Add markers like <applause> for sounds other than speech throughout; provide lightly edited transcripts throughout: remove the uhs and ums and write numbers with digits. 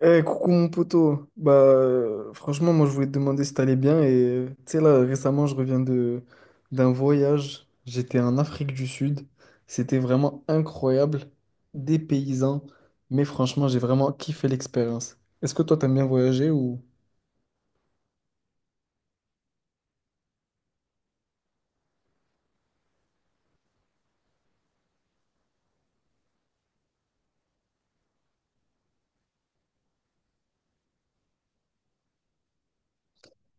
Eh, coucou mon poteau. Franchement, moi je voulais te demander si t'allais bien. Et tu sais, là, récemment, je reviens de d'un voyage. J'étais en Afrique du Sud. C'était vraiment incroyable. Des paysans. Mais franchement, j'ai vraiment kiffé l'expérience. Est-ce que toi, t'aimes bien voyager ou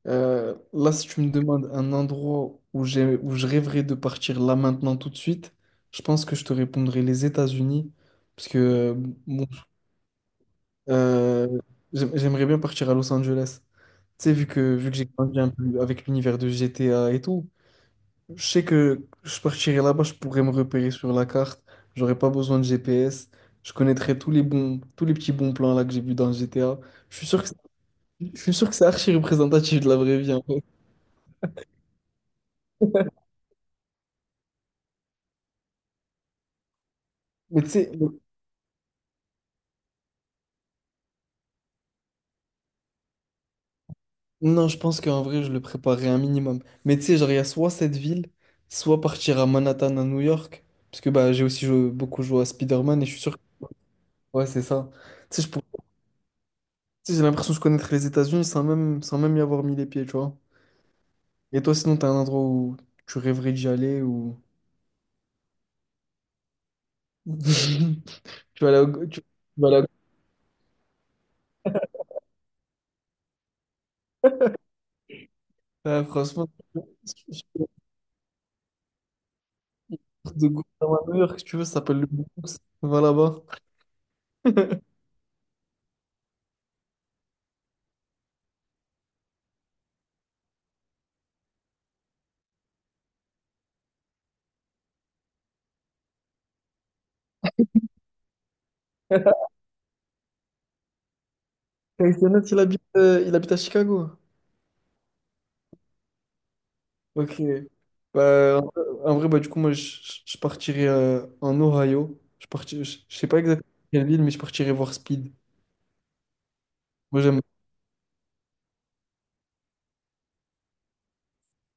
Là, si tu me demandes un endroit où je rêverais de partir là maintenant tout de suite, je pense que je te répondrai les États-Unis. Parce que mon Euh, j'aimerais bien partir à Los Angeles. Tu sais, vu que j'ai grandi un peu avec l'univers de GTA et tout, je sais que je partirais là-bas, je pourrais me repérer sur la carte, j'aurais pas besoin de GPS, je connaîtrais tous les petits bons plans là que j'ai vus dans le GTA. Je suis sûr que, c'est- je suis sûr que c'est archi représentatif de la vraie vie en fait. <laughs> Mais tu sais, le- non, je pense qu'en vrai, je le préparerais un minimum. Mais tu sais, genre, il y a soit cette ville, soit partir à Manhattan, à New York. Parce que bah, beaucoup joué à Spider-Man et je suis sûr. Ouais, c'est ça. Tu sais, j'ai l'impression de connaître les États-Unis sans même y avoir mis les pieds, tu vois. Et toi, sinon, t'as un endroit où tu rêverais d'y aller ou... <laughs> Tu vas là... Ouais, franchement, <laughs> je je fais un truc de Guantanamo, si tu veux, ça s'appelle le Bronx. Va là-bas. <laughs> Kenneth, il habite à Chicago. Ok. Bah, en en vrai, bah, du coup, je partirais en Ohio. Je sais pas exactement quelle ville, mais je partirais voir Speed. Moi, j'aime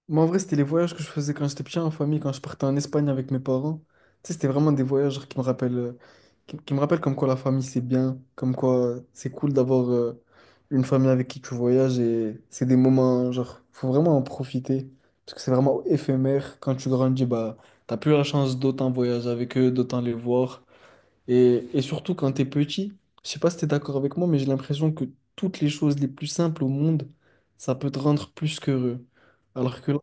Moi, en vrai, c'était les voyages que je faisais quand j'étais petit en famille, quand je partais en Espagne avec mes parents. Tu sais, c'était vraiment des voyages genre, qui me rappellent, qui me rappellent comme quoi la famille, c'est bien, comme quoi c'est cool d'avoir une famille avec qui tu voyages et c'est des moments, genre, faut vraiment en profiter parce que c'est vraiment éphémère. Quand tu grandis, bah, t'as plus la chance d'autant voyager avec eux, d'autant les voir. Et surtout quand t'es petit, je sais pas si t'es d'accord avec moi, mais j'ai l'impression que toutes les choses les plus simples au monde, ça peut te rendre plus qu'heureux. Alors que là,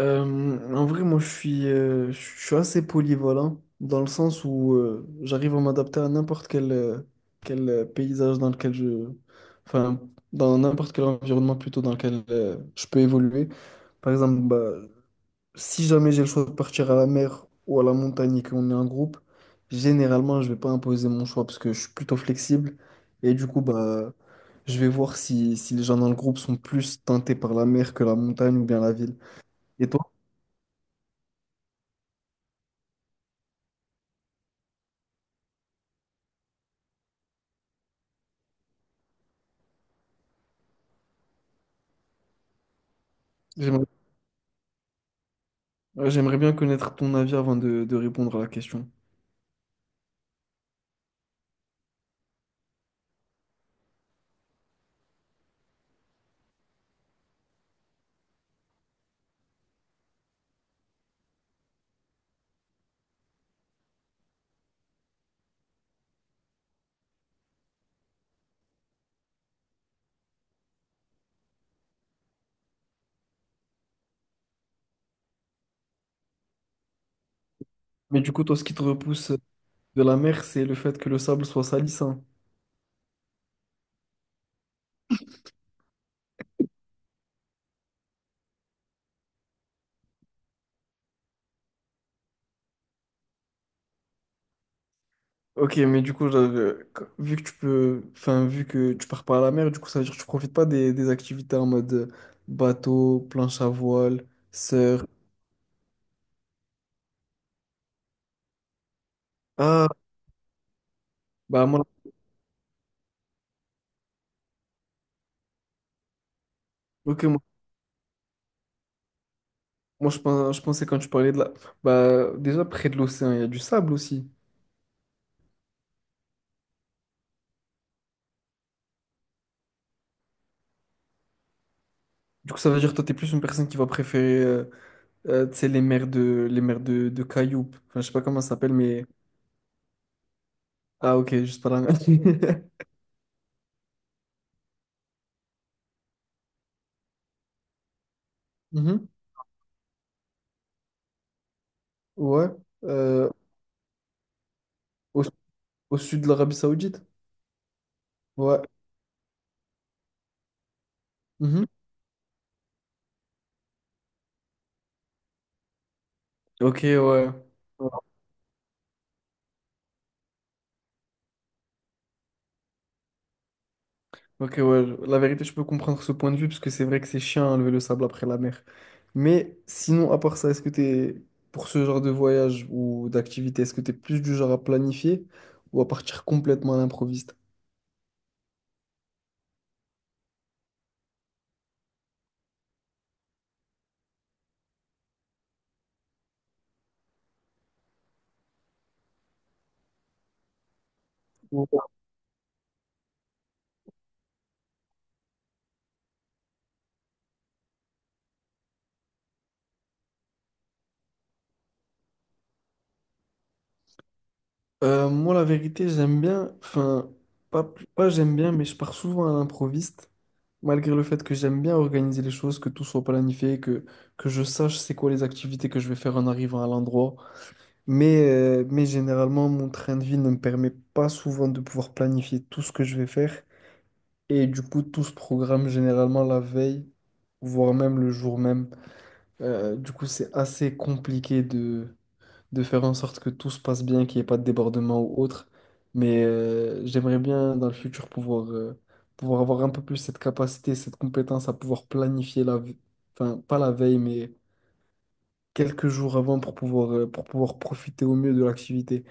En vrai, je suis assez polyvalent dans le sens où j'arrive à m'adapter à n'importe quel, quel paysage dans lequel je... Enfin, dans n'importe quel environnement plutôt dans lequel je peux évoluer. Par exemple, bah, si jamais j'ai le choix de partir à la mer ou à la montagne et qu'on est en groupe, généralement, je vais pas imposer mon choix parce que je suis plutôt flexible. Et du coup, bah, je vais voir si les gens dans le groupe sont plus tentés par la mer que la montagne ou bien la ville. Et toi? Ouais, j'aimerais bien connaître ton avis avant de répondre à la question. Mais du coup, toi, ce qui te repousse de la mer, c'est le fait que le sable soit sali, ça. Ok, mais vu que tu peux, enfin, vu que tu pars pas à la mer, du coup, ça veut dire que tu profites pas des activités en mode bateau, planche à voile, surf. Ah, bah moi, ok, moi, je pense, je pensais quand tu parlais de la, bah déjà près de l'océan, il y a du sable aussi. Du coup, ça veut dire que toi, t'es plus une personne qui va préférer, tu sais, les mers de Cayup. Enfin, je sais pas comment ça s'appelle, mais. Ah, ok, juste pas la mer. <laughs> Mhm. Ouais. Euh, au, au sud de l'Arabie Saoudite. Ouais. Mhm. Ok, ouais. Ok, ouais. La vérité, je peux comprendre ce point de vue parce que c'est vrai que c'est chiant à lever le sable après la mer. Mais sinon, à part ça, est-ce que t'es, pour ce genre de voyage ou d'activité, est-ce que t'es plus du genre à planifier ou à partir complètement à l'improviste? Moi, la vérité, j'aime bien, enfin, pas, plus- pas j'aime bien, mais je pars souvent à l'improviste, malgré le fait que j'aime bien organiser les choses, que tout soit planifié, que je sache c'est quoi les activités que je vais faire en arrivant à l'endroit. Mais généralement, mon train de vie ne me permet pas souvent de pouvoir planifier tout ce que je vais faire. Et du coup, tout se programme généralement la veille, voire même le jour même. Du coup, c'est assez compliqué de faire en sorte que tout se passe bien, qu'il n'y ait pas de débordement ou autre. Mais j'aimerais bien dans le futur pouvoir, pouvoir avoir un peu plus cette capacité, cette compétence à pouvoir planifier la ve- enfin pas la veille, mais quelques jours avant pour pouvoir profiter au mieux de l'activité.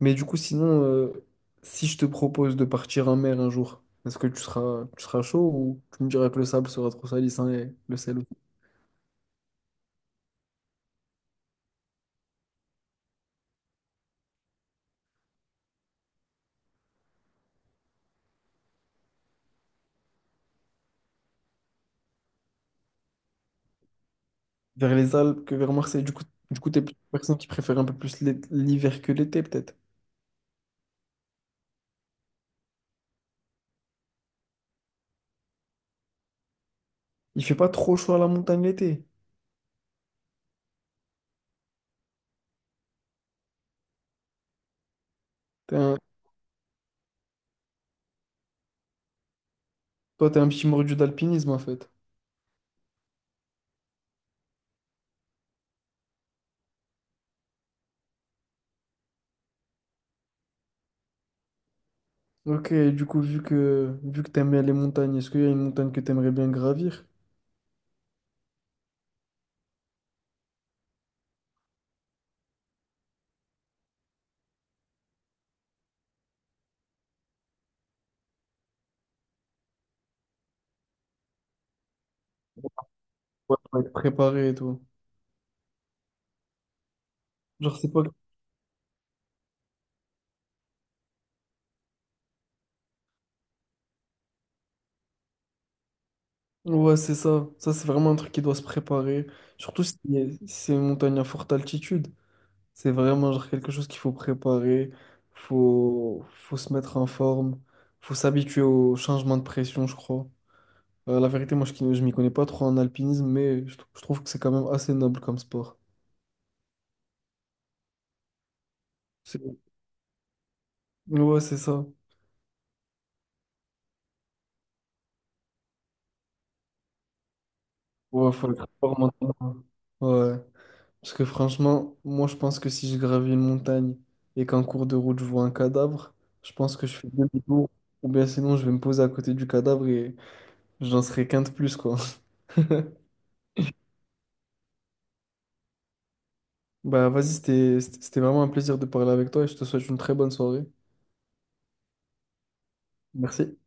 Mais du coup, sinon, si je te propose de partir en mer un jour, est-ce que tu seras chaud ou tu me diras que le sable sera trop salissant et le sel aussi vers les Alpes que vers Marseille? Du coup, t'es plutôt une personne qui préfère un peu l'hiver que l'été, peut-être. Il fait pas trop chaud à la montagne l'été. T'es un- Toi, t'es un petit mordu d'alpinisme en fait. Ok, du coup, vu que t'aimes bien les montagnes, est-ce qu'il y a une montagne que t'aimerais bien gravir? Ouais, faut être préparé et tout. Genre, c'est pas. Ouais, c'est ça. Ça, c'est vraiment un truc qui doit se préparer. Surtout si c'est une montagne à forte altitude. C'est vraiment genre quelque chose qu'il faut préparer. Faut... faut se mettre en forme. Faut s'habituer au changement de pression, je crois. La vérité, moi, je ne m'y connais pas trop en alpinisme, mais je trouve que c'est quand même assez noble comme sport. C'est- Ouais, c'est ça. Ouais, faut être fort maintenant. Ouais. Parce que franchement, moi, je pense que si je gravis une montagne et qu'en cours de route, je vois un cadavre, je pense que je fais demi-tour. Ou bien sinon, je vais me poser à côté du cadavre et j'en serai qu'un de plus, quoi. <laughs> Bah, vas-y, c'était vraiment un plaisir de parler avec toi et je te souhaite une très bonne soirée. Merci.